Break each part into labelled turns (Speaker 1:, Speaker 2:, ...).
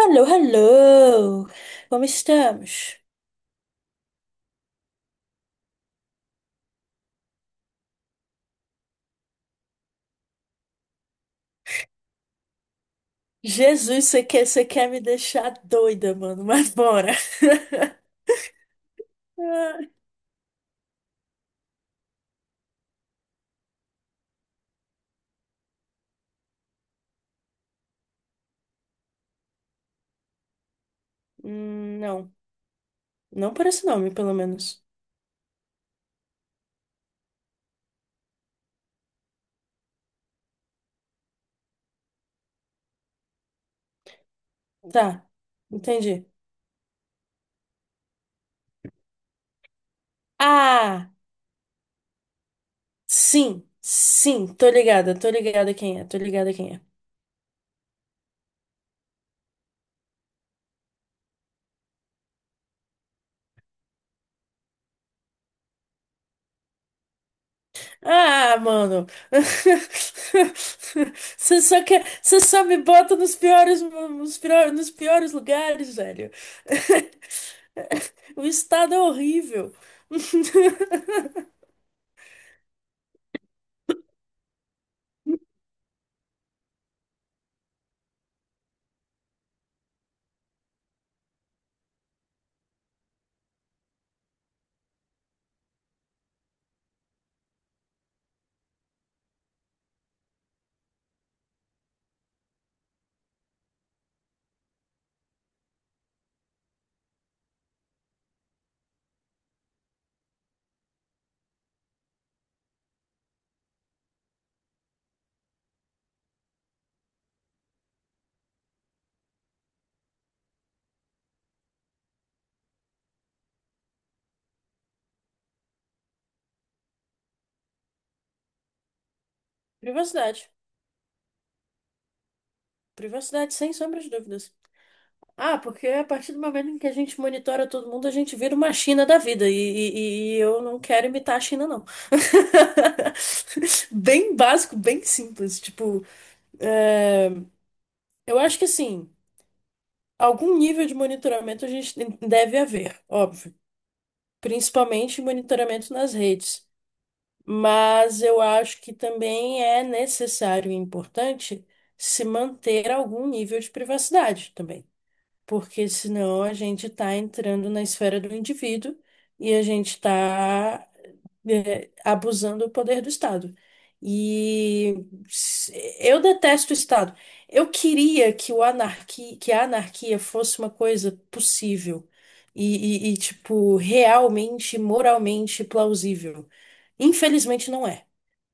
Speaker 1: Alô, alô! Como estamos? Jesus, você quer me deixar doida, mano, mas bora! Ah, hum, não, não por esse nome, pelo menos. Tá, entendi. Ah, sim, sim, tô ligada quem é, tô ligada quem é. Ah, mano. Você só me bota nos piores, nos piores, nos piores lugares, velho. O estado é horrível. Privacidade. Privacidade, sem sombra de dúvidas. Ah, porque a partir do momento em que a gente monitora todo mundo, a gente vira uma China da vida. E, e eu não quero imitar a China, não. Bem básico, bem simples. Tipo, é, eu acho que assim. Algum nível de monitoramento a gente deve haver, óbvio, principalmente monitoramento nas redes. Mas eu acho que também é necessário e importante se manter algum nível de privacidade também, porque senão a gente está entrando na esfera do indivíduo e a gente está abusando do poder do Estado. E s- eu detesto o Estado. Eu queria que que a anarquia fosse uma coisa possível e, tipo, realmente, moralmente plausível. Infelizmente não é.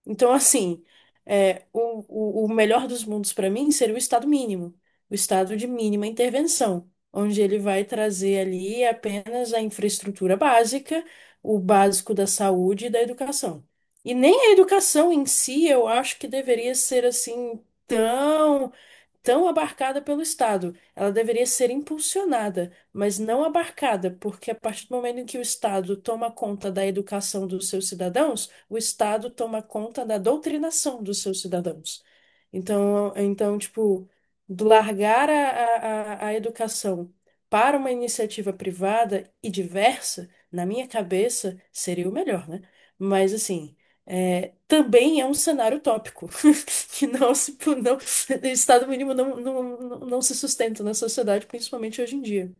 Speaker 1: Então, assim, é, o, o melhor dos mundos para mim seria o estado mínimo, o estado de mínima intervenção, onde ele vai trazer ali apenas a infraestrutura básica, o básico da saúde e da educação. E nem a educação em si, eu acho que deveria ser tão abarcada pelo Estado. Ela deveria ser impulsionada, mas não abarcada, porque a partir do momento em que o Estado toma conta da educação dos seus cidadãos, o Estado toma conta da doutrinação dos seus cidadãos. Então, tipo, do largar a educação para uma iniciativa privada e diversa, na minha cabeça, seria o melhor, né? Mas assim, é, também é um cenário utópico que não se, Estado mínimo não, não se sustenta na sociedade, principalmente hoje em dia.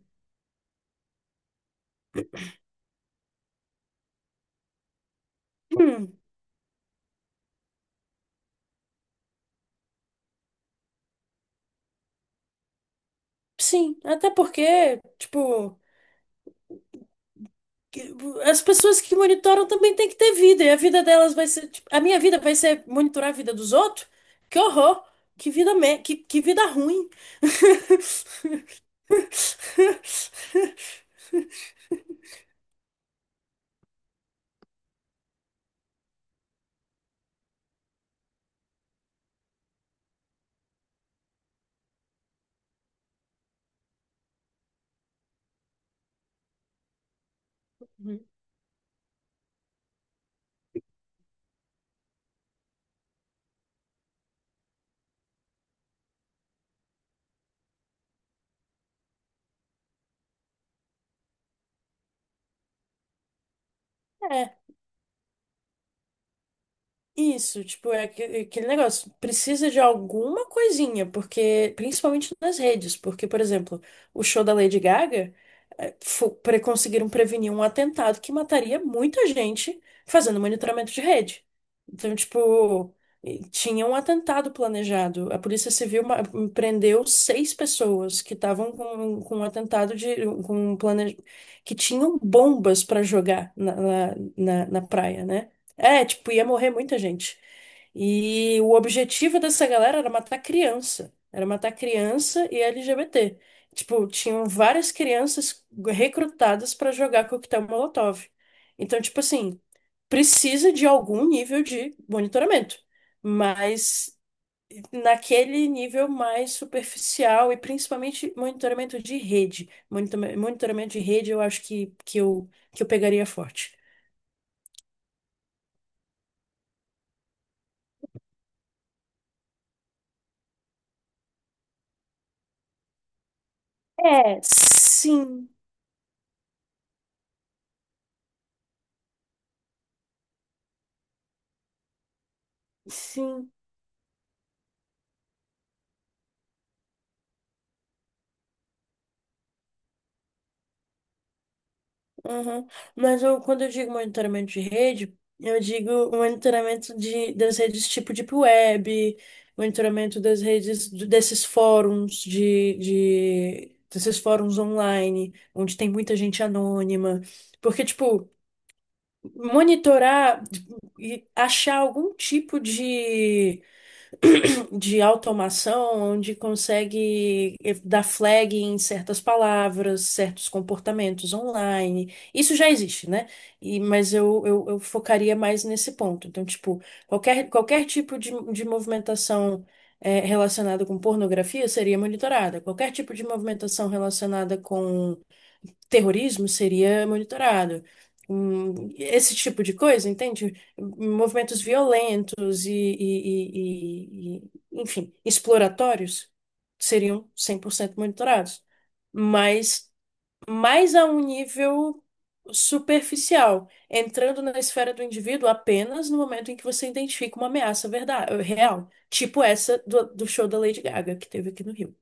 Speaker 1: Hum, sim, até porque, tipo. que- As pessoas que monitoram também têm que ter vida, e a vida delas vai ser, tipo, a minha vida vai ser monitorar a vida dos outros? Que horror! Que vida ruim! Uhum. É, isso, tipo, é aquele negócio, precisa de alguma coisinha, porque, principalmente nas redes, porque, por exemplo, o show da Lady Gaga, conseguiram prevenir um atentado que mataria muita gente fazendo monitoramento de rede. Então, tipo, e tinha um atentado planejado, a Polícia Civil prendeu 6 pessoas que estavam com, com um plane... que tinham bombas para jogar na na praia, né? É, tipo, ia morrer muita gente. E o objetivo dessa galera era matar criança. Era matar criança e LGBT. Tipo, tinham várias crianças recrutadas pra jogar coquetel Molotov. Então, tipo assim, precisa de algum nível de monitoramento, mas naquele nível mais superficial e principalmente monitoramento de rede. Monitoramento de rede eu acho que eu pegaria forte. É, sim, sim. Aham. Mas eu, quando eu digo monitoramento de rede, eu digo monitoramento de, das redes tipo Deep Web, monitoramento das redes desses fóruns de desses fóruns online, onde tem muita gente anônima. Porque, tipo, monitorar tipo, e achar algum tipo de automação onde consegue dar flag em certas palavras, certos comportamentos online. Isso já existe, né? E, eu focaria mais nesse ponto. Então, tipo, qualquer tipo de movimentação relacionada com pornografia seria monitorada. Qualquer tipo de movimentação relacionada com terrorismo seria monitorado. Esse tipo de coisa, entende? Movimentos violentos e, enfim, exploratórios seriam 100% monitorados. Mas mas a um nível superficial, entrando na esfera do indivíduo apenas no momento em que você identifica uma ameaça verdade, real, tipo essa do, do show da Lady Gaga que teve aqui no Rio.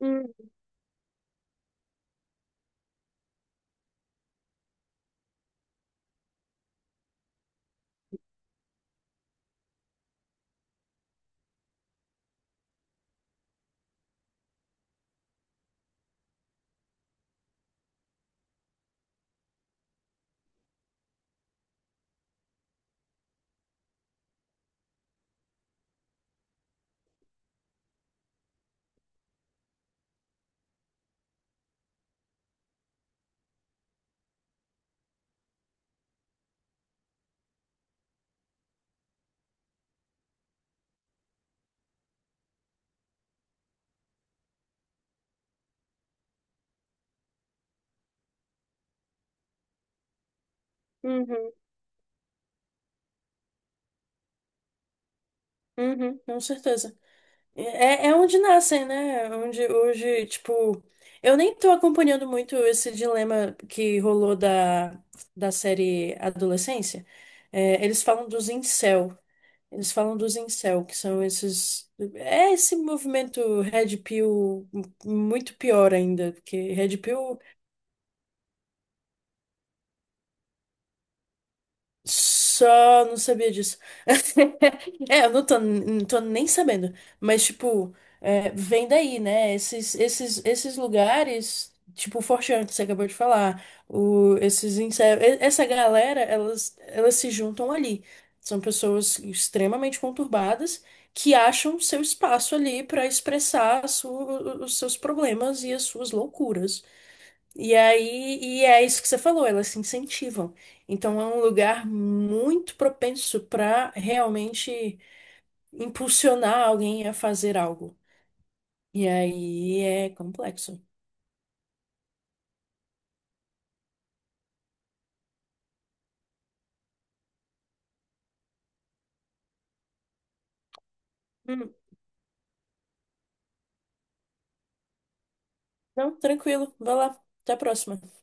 Speaker 1: Hum. Uhum, uhum, com certeza. É, é onde nascem, né? É onde hoje, tipo, eu nem tô acompanhando muito esse dilema que rolou da, da série Adolescência. É, eles falam dos incel. Eles falam dos incel, que são esses. É esse movimento Red Pill muito pior ainda, porque Red Pill só não sabia disso. É, eu não tô, não tô nem sabendo. Mas, tipo, é, vem daí, né? Esses lugares, tipo o Forchan, que você acabou de falar, o, esses insetos, essa galera, elas se juntam ali. São pessoas extremamente conturbadas que acham seu espaço ali pra expressar os seus problemas e as suas loucuras. E aí, e é isso que você falou, elas se incentivam. Então é um lugar muito propenso para realmente impulsionar alguém a fazer algo. E aí é complexo. Hum, não, tranquilo. Vai lá. Até a próxima.